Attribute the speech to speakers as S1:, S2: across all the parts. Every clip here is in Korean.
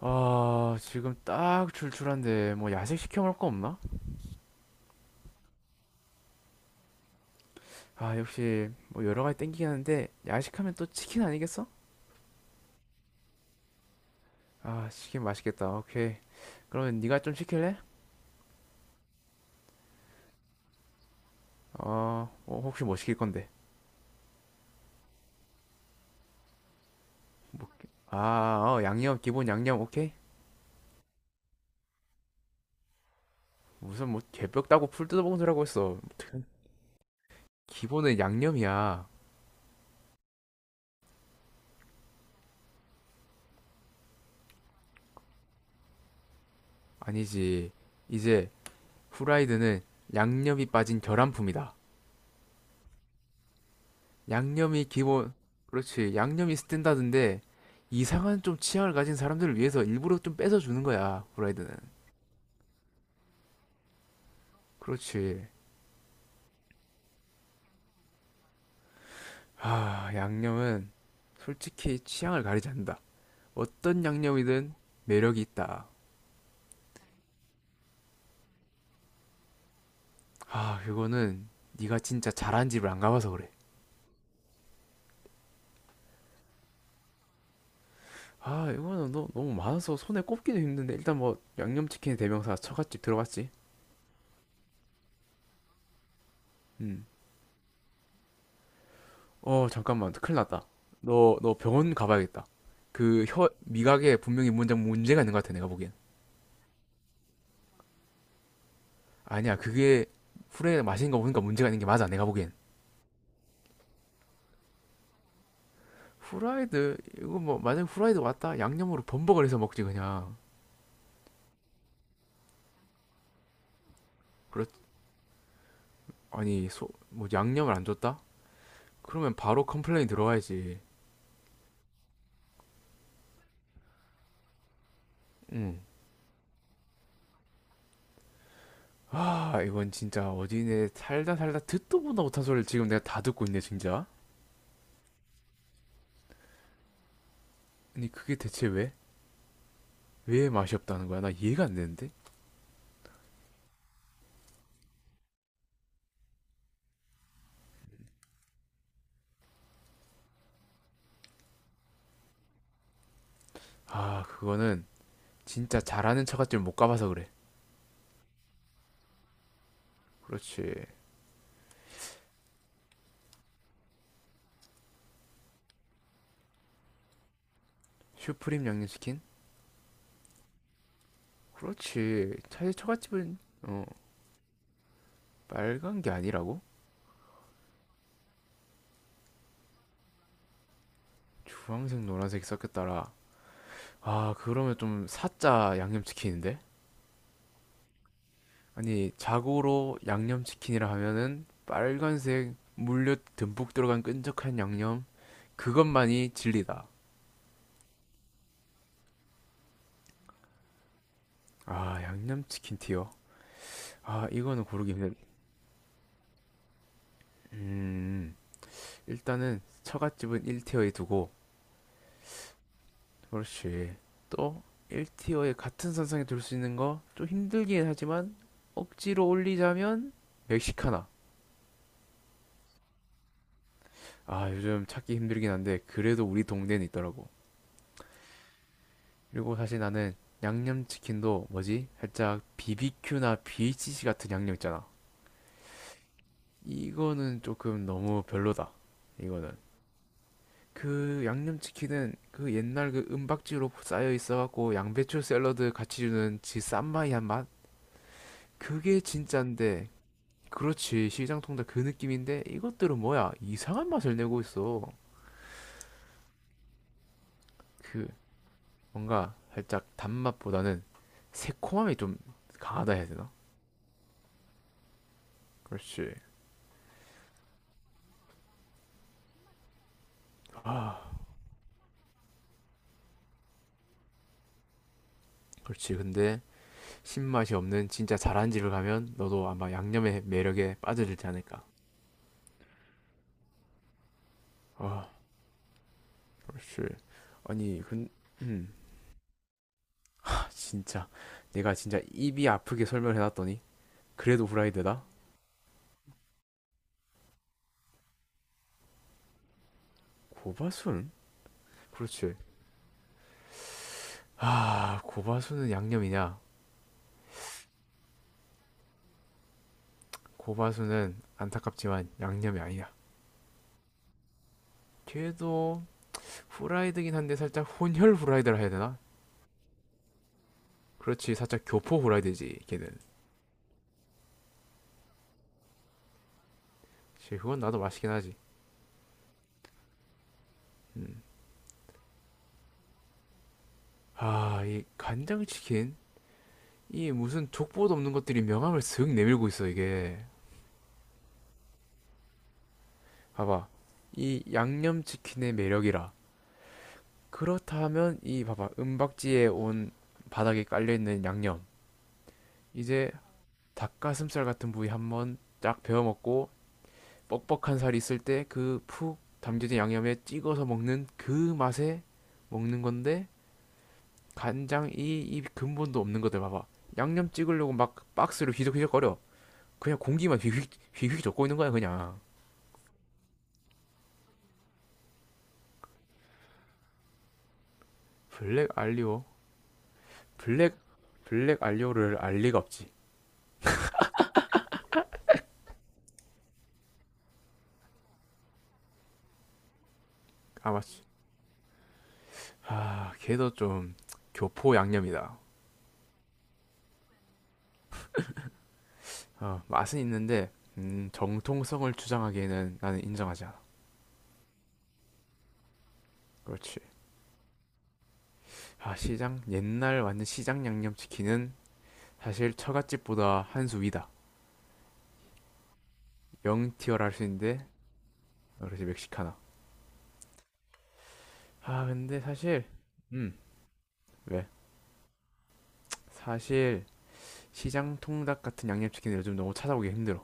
S1: 아, 지금 딱 출출한데 뭐 야식 시켜 먹을 거 없나? 아, 역시 뭐 여러 가지 땡기긴 하는데 야식하면 또 치킨 아니겠어? 아, 치킨 맛있겠다. 오케이. 그러면 네가 좀 시킬래? 어, 어, 혹시 뭐 시킬 건데? 아, 어, 양념 기본 양념 오케이. 무슨 뭐 개뼈 따고 풀 뜯어먹은 소리라고 했어. 기본은 양념이야. 아니지. 이제 후라이드는 양념이 빠진 결함품이다. 양념이 기본, 그렇지. 양념이 스탠다드인데 이상한 좀 취향을 가진 사람들을 위해서 일부러 좀 뺏어 주는 거야, 후라이드는. 그렇지. 아, 양념은 솔직히 취향을 가리지 않는다. 어떤 양념이든 매력이 있다. 아, 이거는 네가 진짜 잘한 집을 안 가봐서 그래. 아, 이거는 너무 많아서 손에 꼽기도 힘든데 일단 뭐 양념치킨 대명사 처갓집 들어갔지? 음. 어, 잠깐만. 큰일 났다. 너 병원 가봐야겠다. 그 혀, 미각에 분명히 문제가 있는 것 같아, 내가 보기엔. 아니야, 그게 후라이드 마시는 거 보니까 문제가 있는 게 맞아, 내가 보기엔. 후라이드, 이거 뭐, 만약에 후라이드 왔다? 양념으로 범벅을 해서 먹지, 그냥. 그렇, 아니, 뭐, 양념을 안 줬다? 그러면 바로 컴플레인 들어와야지. 응. 아, 이건 진짜 어디네 살다 살다 듣도 보다 못한 소리를 지금 내가 다 듣고 있네, 진짜. 아니, 그게 대체 왜? 왜 맛이 없다는 거야? 나 이해가 안 되는데? 아, 그거는 진짜 잘하는 처갓집 을 못 가봐서 그래. 그렇지. 슈프림 양념치킨? 그렇지. 차실 처갓집은 어 빨간 게 아니라고? 주황색 노란색이 섞였더라. 아 그러면 좀 사짜 양념치킨인데? 아니 자고로 양념치킨이라 하면은 빨간색 물엿 듬뿍 들어간 끈적한 양념, 그것만이 진리다. 아 양념치킨 티어. 아 이거는 고르기 힘들. 음, 일단은 처갓집은 1티어에 두고, 그렇지. 또 1티어에 같은 선상에 둘 수 있는 거 좀 힘들긴 하지만 억지로 올리자면 멕시카나. 아, 요즘 찾기 힘들긴 한데 그래도 우리 동네는 있더라고. 그리고 사실 나는 양념치킨도 뭐지? 살짝 BBQ나 BHC 같은 양념 있잖아. 이거는 조금 너무 별로다. 이거는. 그 양념치킨은 그 옛날 그 은박지로 쌓여 있어갖고 양배추 샐러드 같이 주는 그 쌈마이한 맛? 그게 진짠데 그렇지 시장통닭 그 느낌인데 이것들은 뭐야 이상한 맛을 내고 있어. 그 뭔가 살짝 단맛보다는 새콤함이 좀 강하다 해야 되나? 그렇지 그렇지 근데 신맛이 없는 진짜 잘한 집을 가면 너도 아마 양념의 매력에 빠져들지 않을까 아 그렇지 아니 근 음, 아, 진짜 내가 진짜 입이 아프게 설명해놨더니 그래도 후라이드다? 고바순? 그렇지. 아 고바순은 양념이냐. 고바수는 안타깝지만 양념이 아니야. 걔도 후라이드긴 한데 살짝 혼혈 후라이드라 해야 되나? 그렇지, 살짝 교포 후라이드지 걔는. 그건 나도 맛있긴 하지. 음. 아, 이 간장치킨? 이 무슨 족보도 없는 것들이 명함을 슥 내밀고 있어 이게. 봐봐. 이 양념치킨의 매력이라. 그렇다면 이 봐봐 은박지에 온 바닥에 깔려있는 양념. 이제 닭가슴살 같은 부위 한번 쫙 베어 먹고 뻑뻑한 살이 있을 때 그 푹 담겨진 양념에 찍어서 먹는 그 맛에 먹는 건데. 간장 이 근본도 없는 것들 봐봐. 양념 찍으려고 막 박스로 휘적휘적거려. 그냥 공기만 휘휘 휘휘 젓고 있는 거야 그냥. 블랙 알리오, 블랙 블랙 알리오를 알 리가 없지. 아 맞지. 아, 걔도 좀 교포 양념이다. 어, 맛은 있는데 정통성을 주장하기에는 나는 인정하지 않아. 그렇지. 아, 시장, 옛날 완전 시장 양념치킨은 사실 처갓집보다 한 수 위다. 영티어를 할 수 있는데. 그렇지 멕시카나. 아 근데 사실 음, 왜? 사실 시장 통닭 같은 양념치킨 요즘 너무 찾아오기 힘들어.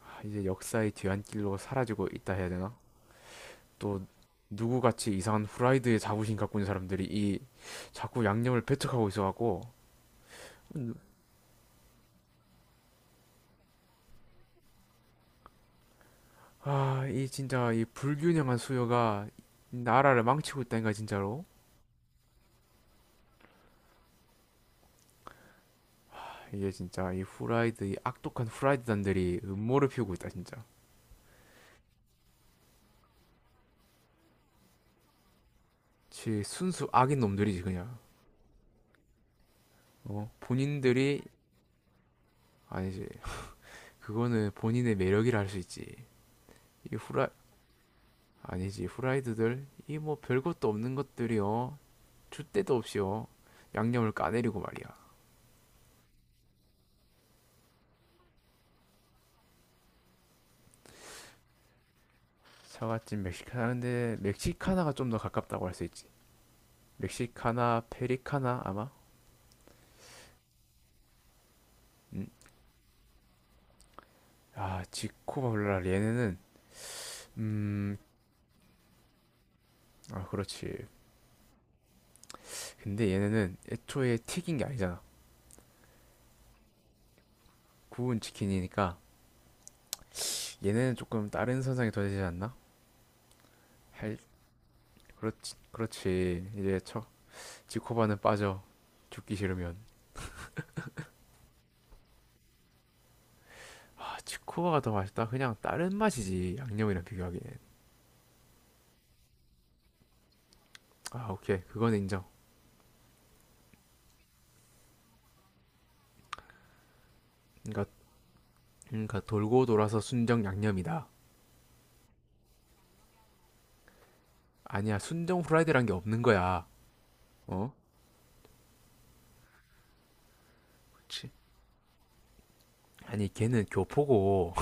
S1: 아, 이제 역사의 뒤안길로 사라지고 있다 해야 되나? 또 누구같이 이상한 후라이드에 자부심 갖고 있는 사람들이 이 자꾸 양념을 배척하고 있어갖고. 아 이 진짜 이 불균형한 수요가 나라를 망치고 있다니까 진짜로. 아, 이게 진짜 이 후라이드, 이 악독한 후라이드단들이 음모를 피우고 있다 진짜. 지 순수 악인 놈들이지 그냥. 어? 본인들이. 아니지. 그거는 본인의 매력이라 할 수 있지. 이 후라 아니지 후라이드들 이 뭐 별것도 없는 것들이요. 줄 데도 없이요. 양념을 까내리고 말이야. 사과찜 멕시카나인데 멕시카나가 좀 더 가깝다고 할 수 있지. 멕시카나 페리카나 아마. 음. 아 지코바 블라 얘네는 음. 아 그렇지. 근데 얘네는 애초에 튀긴 게 아니잖아. 구운 치킨이니까 얘네는 조금 다른 선상에 둬야 되지 않나? 할 그렇지 이제 쳐 지코바는 빠져, 죽기 싫으면. 아 지코바가 더 맛있다 그냥 다른 맛이지 양념이랑 비교하기엔. 아 오케이 그건 인정. 그러니까 그러니까 돌고 돌아서 순정 양념이다. 아니야 순정 후라이드란 게 없는 거야. 어 그렇지. 아니 걔는 교포고.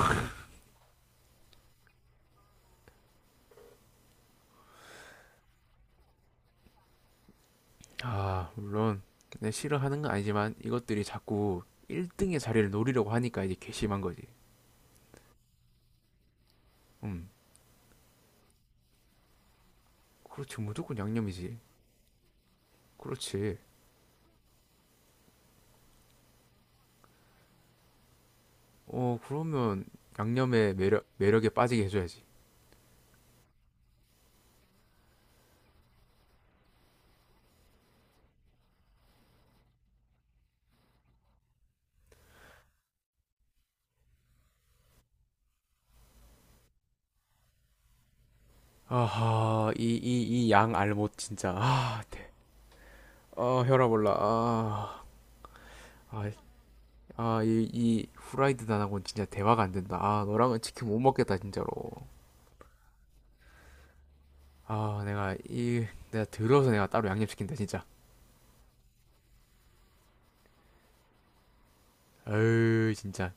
S1: 아 물론 내 싫어하는 건 아니지만 이것들이 자꾸 1등의 자리를 노리려고 하니까 이제 괘씸한 거지. 음, 그렇지 무조건 양념이지. 그렇지. 어, 그러면 양념의 매력에 빠지게 해줘야지. 아하, 이 양 알못 진짜. 아, 대. 아, 혈압 올라. 아, 아, 아, 이 후라이드 단하고는 진짜 대화가 안 된다. 아, 너랑은 치킨 못 먹겠다, 진짜로. 아, 내가 들어서 내가 따로 양념 시킨다, 진짜. 어유 진짜.